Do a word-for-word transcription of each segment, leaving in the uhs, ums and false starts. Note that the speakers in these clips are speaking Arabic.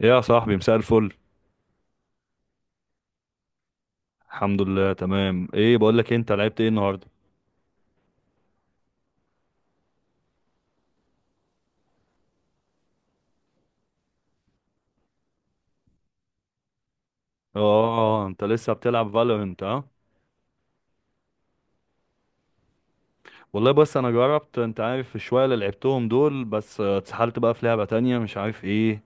إيه يا صاحبي، مساء الفل. الحمد لله تمام. ايه بقول لك إيه، انت لعبت ايه النهارده؟ اه انت لسه بتلعب فالورنت؟ اه والله، بس انا جربت، انت عارف الشويه اللي لعبتهم دول، بس آه، اتسحلت بقى في لعبه تانية مش عارف ايه.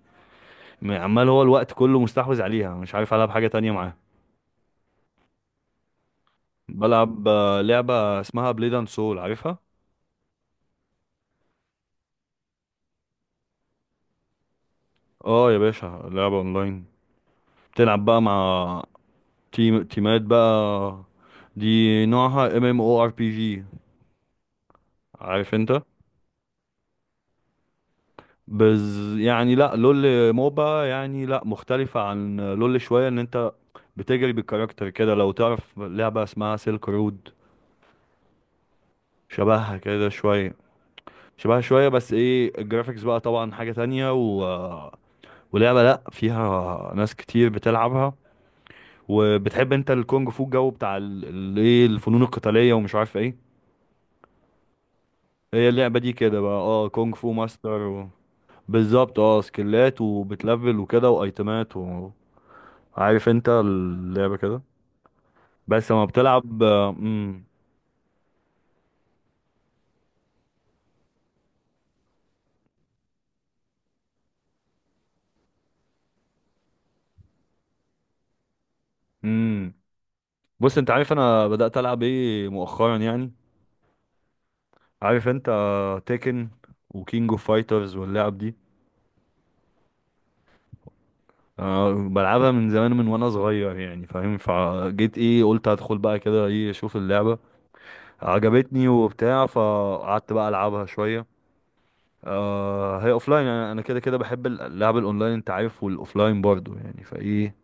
م- عمال هو الوقت كله مستحوذ عليها، مش عارف العب حاجه تانية معاها. بلعب آه، لعبه اسمها بليد اند سول، عارفها؟ اه يا باشا، لعبه اونلاين. بتلعب بقى مع تيم تيمات بقى. دي نوعها ام ام او ار بي جي، عارف انت. بز يعني، لا لول. موبا يعني، لا، مختلفة عن لول شوية، ان انت بتجري بالكاركتر كده. لو تعرف لعبة اسمها سيلك رود، شبهها كده شوية. شبهها شوية، بس ايه الجرافيكس بقى طبعا حاجة تانية و... ولعبة، لا، فيها ناس كتير بتلعبها. وبتحب انت الكونج فو، الجو بتاع ال- ال- ايه الفنون القتالية ومش عارف ايه. هي اللعبة دي كده بقى، اه، كونج فو ماستر و... بالظبط، اه سكيلات وبتلفل وكده وايتمات. عارف انت اللعبة كده. بس لما بتلعب. امم امم بص انت عارف انا بدأت العب ايه مؤخرا يعني. عارف انت، تيكن وكينج اوف فايترز واللعب دي. أه بلعبها من زمان، من وانا صغير يعني فاهم. فجيت ايه، قلت هدخل بقى كده ايه اشوف اللعبة. عجبتني وبتاع، فقعدت بقى العبها شوية. أه هي اوفلاين. يعني انا كده كده بحب اللعب الاونلاين انت عارف، والاوفلاين برضو يعني فايه.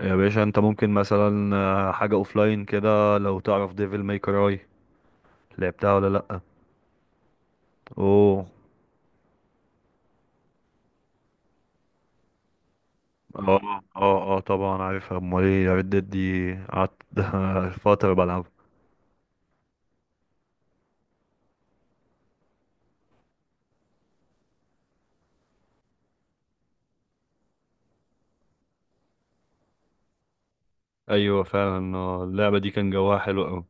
يا باشا انت ممكن مثلا آه، حاجة اوفلاين كده، لو تعرف ديفل ماي كراي، لعبتها ولا لأ؟ اوه. اه اه اه طبعا عارفها، امال ايه، ريد ديد دي قعدت فترة بلعبها. ايوه فعلا، آه، اللعبة دي كان جواها حلو اوي.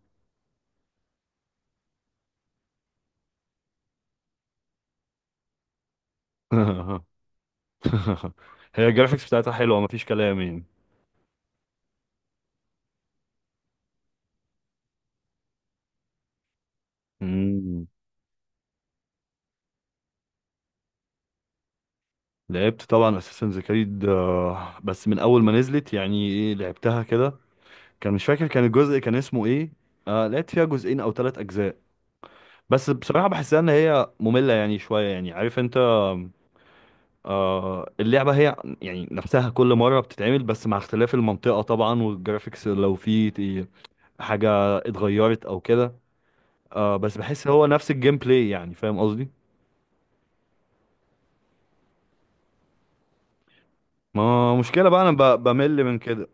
هي الجرافيكس بتاعتها حلوة، مفيش كلام يعني. مم. لعبت طبعا اساسنز كريد، بس من اول ما نزلت يعني ايه لعبتها كده. كان مش فاكر، كان الجزء كان اسمه ايه. آه لعبت فيها جزئين او ثلاث اجزاء. بس بصراحة بحسها ان هي مملة يعني شوية يعني، عارف انت. آه اللعبة هي يعني نفسها كل مرة بتتعمل، بس مع اختلاف المنطقة طبعا والجرافيكس، لو في ت- حاجة اتغيرت او كده. آه بس بحس هو نفس الجيم بلاي، يعني فاهم قصدي. ما مشكلة بقى، انا ب- بمل من كده،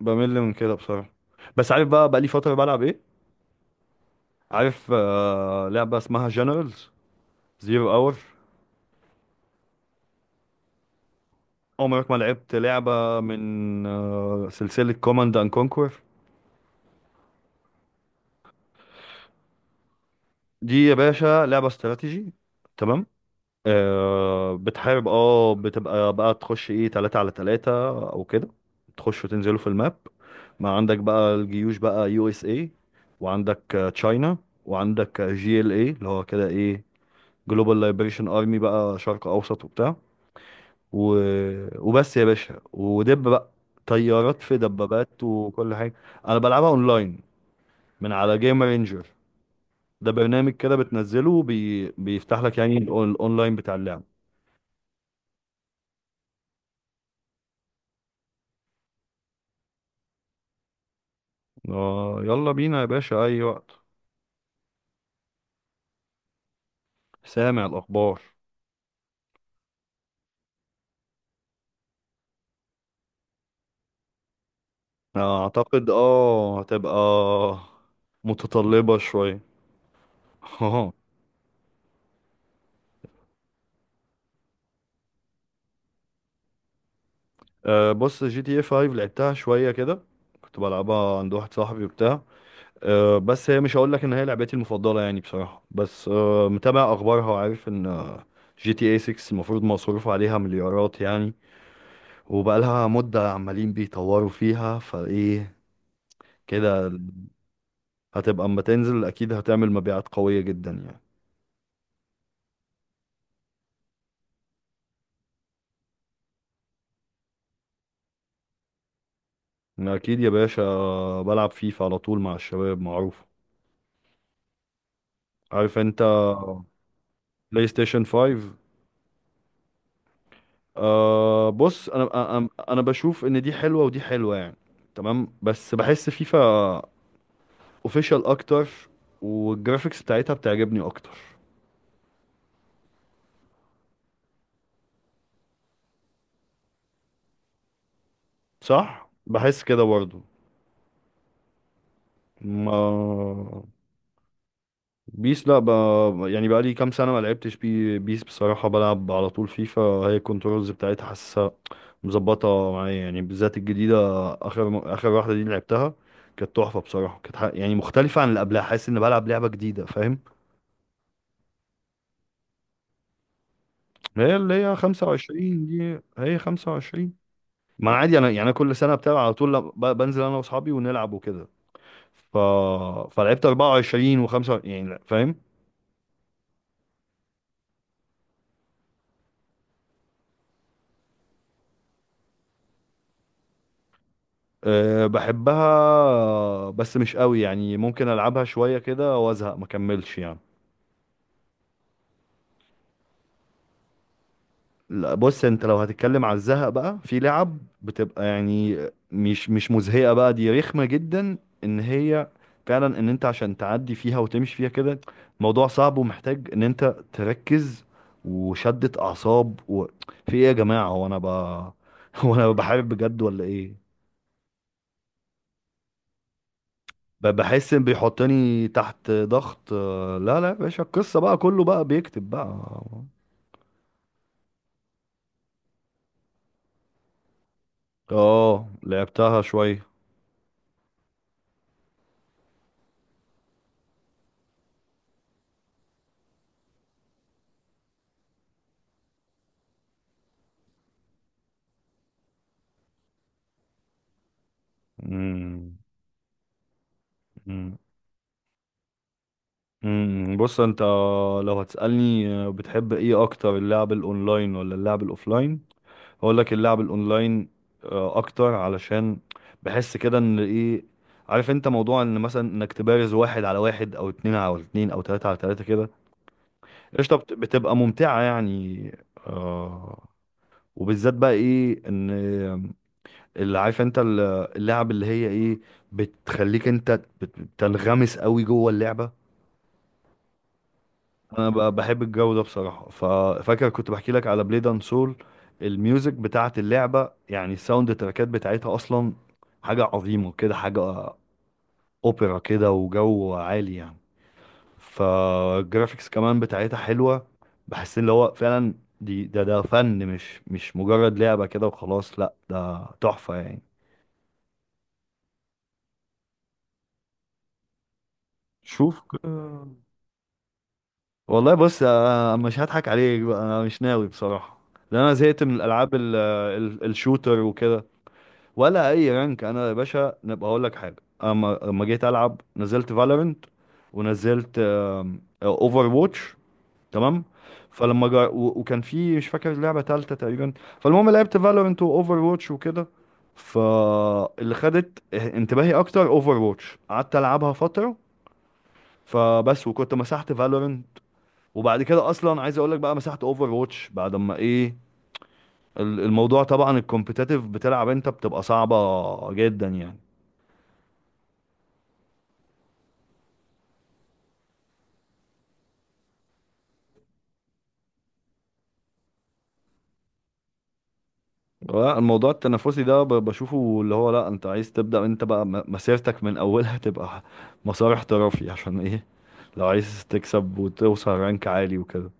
بمل من كده بصراحة. بس عارف بقى، بقى لي فترة بلعب ايه. عارف آه لعبة اسمها جنرالز زيرو اور. عمرك ما لعبت لعبة من آه سلسلة كوماند اند كونكور؟ دي يا باشا لعبة استراتيجي. تمام. آه بتحارب، اه بتبقى بقى تخش ايه تلاتة على تلاتة او كده، تخشوا تنزلوا في الماب. ما عندك بقى الجيوش بقى، يو اس اي، وعندك آه، تشاينا، وعندك جي ال اي، اللي هو كده ايه، جلوبال ليبريشن ارمي بقى، شرق اوسط وبتاع و... وبس يا باشا ودب بقى، طيارات في دبابات وكل حاجة. انا بلعبها اونلاين من على جيم رينجر. ده برنامج كده بتنزله، بي... بيفتح لك يعني الأون- الاونلاين بتاع اللعب. آه يلا بينا يا باشا اي وقت. سامع الاخبار؟ اعتقد اه هتبقى متطلبة شوية. اه بص، جي تي اي خمسة لعبتها شوية كده، كنت بلعبها عند واحد صاحبي وبتاع. آه، بس هي مش هقول لك ان هي لعبتي المفضلة يعني بصراحة، بس آه، متابع اخبارها وعارف ان جي تي اي ستة المفروض مصروف عليها مليارات يعني، وبقالها مدة عمالين بيطوروا فيها فايه كده. هتبقى اما تنزل اكيد هتعمل مبيعات قوية جدا يعني. أنا اكيد يا باشا بلعب فيفا على طول مع الشباب، معروف، عارف انت. بلاي ستيشن خمسة. أه بص، انا انا أنا بشوف ان دي حلوة ودي حلوة يعني. تمام، بس بحس فيفا اوفيشال اكتر، والجرافيكس بتاعتها بتعجبني اكتر. صح، بحس كده برضه. ما بيس، لا ب... يعني بقى لي كام سنة ما لعبتش بي... بيس بصراحة، بلعب على طول فيفا. هي الكنترولز بتاعتها حاسسها مظبطة معايا، يعني بالذات الجديدة. آخر آخر واحدة دي اللي لعبتها كانت تحفة بصراحة. كانت ح... يعني مختلفة عن اللي قبلها، حاسس إن بلعب لعبة جديدة فاهم. هي اللي هي خمسة وعشرين، دي هي خمسة وعشرين. ما أنا عادي، أنا يعني أنا كل سنة بتابع على طول، ب... بنزل أنا وأصحابي ونلعب وكده. ف... فلعبت اربعة وعشرين و5 يعني فاهم. أه بحبها بس مش قوي يعني، ممكن العبها شويه كده وازهق ما اكملش يعني. لا بص، انت لو هتتكلم على الزهق بقى، في لعب بتبقى يعني مش مش مزهقه، بقى دي رخمه جدا. ان هي فعلا، ان انت عشان تعدي فيها وتمشي فيها كده موضوع صعب، ومحتاج ان انت تركز وشدة اعصاب و... في ايه يا جماعه، هو انا ب... هو انا بحارب بجد ولا ايه؟ ب- بحس ان بيحطني تحت ضغط. آه، لا لا يا باشا، القصة بقى كله بقى بيكتب بقى. اه لعبتها شوية. مم. مم. مم. بص انت، لو هتسألني آه، بتحب ايه اكتر، اللعب الاونلاين ولا اللعب الاوفلاين؟ هقول لك اللعب الاونلاين آه، اكتر، علشان بحس كده ان ايه، عارف انت موضوع ان مثلا انك تبارز واحد على واحد او اتنين على اتنين او تلاتة على تلاتة كده قشطة، بت- بتبقى ممتعة يعني. آه. وبالذات بقى ايه ان اللي عارف انت ال- اللعب اللي هي ايه بتخليك انت بت- بتنغمس قوي جوه اللعبه. انا ب- بحب الجو ده بصراحه، ففاكر كنت بحكي لك على بليد اند سول. الميوزك بتاعه اللعبه يعني الساوند تراكات بتاعتها اصلا حاجه عظيمه كده، حاجه اوبرا كده وجو عالي يعني. فالجرافيكس كمان بتاعتها حلوه. بحس ان هو فعلا دي ده ده فن، مش مش مجرد لعبه كده وخلاص، لا ده تحفه يعني. شوف، آه، والله بص، آه، آه، مش هضحك عليك بقى، انا مش ناوي بصراحة، لان انا زهقت من الالعاب ال- ال- الشوتر وكده. ولا اي رانك. انا يا باشا نبقى اقول لك حاجة. اما لما جيت العب، نزلت فالورنت ونزلت اوفر واتش تمام، فلما جا... و... وكان في مش فاكر لعبة تالتة تقريبا. فالمهم لعبت فالورنت واوفر واتش وكده، فاللي خدت انتباهي اكتر اوفر واتش، قعدت العبها فترة فبس، وكنت مسحت فالورنت. وبعد كده اصلا عايز اقول لك بقى، مسحت اوفر واتش بعد ما ايه ال- الموضوع طبعا الكومبيتاتيف، بتلعب انت بتبقى صعبة جدا يعني. لا، الموضوع التنافسي ده ب- بشوفه اللي هو، لا، انت عايز تبدأ انت بقى م- مسيرتك من اولها تبقى مسار احترافي، عشان ايه لو عايز تكسب وتوصل رانك عالي وكده.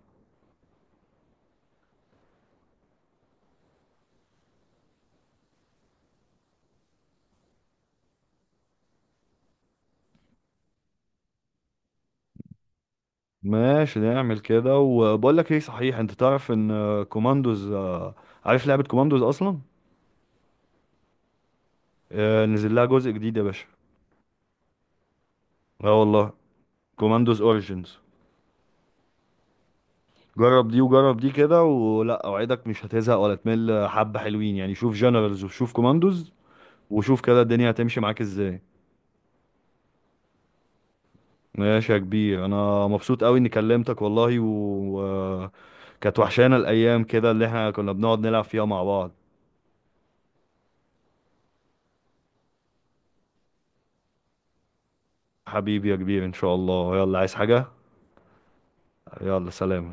ماشي نعمل كده. وبقول لك ايه صحيح، انت تعرف ان آه، كوماندوز، آه، عارف لعبة كوماندوز اصلا؟ آه، نزل لها جزء جديد يا باشا. اه والله. كوماندوز اوريجينز. جرب دي وجرب دي كده، ولا اوعدك مش هتزهق ولا تمل، حبة حلوين يعني، شوف جنرالز وشوف كوماندوز، وشوف كده الدنيا هتمشي معاك ازاي. ماشي يا كبير، انا مبسوط قوي اني كلمتك والله و... كانت وحشانا الايام كده اللي احنا كنا بنقعد نلعب فيها مع بعض. حبيبي يا كبير، ان شاء الله. يلا عايز حاجة، يلا سلام.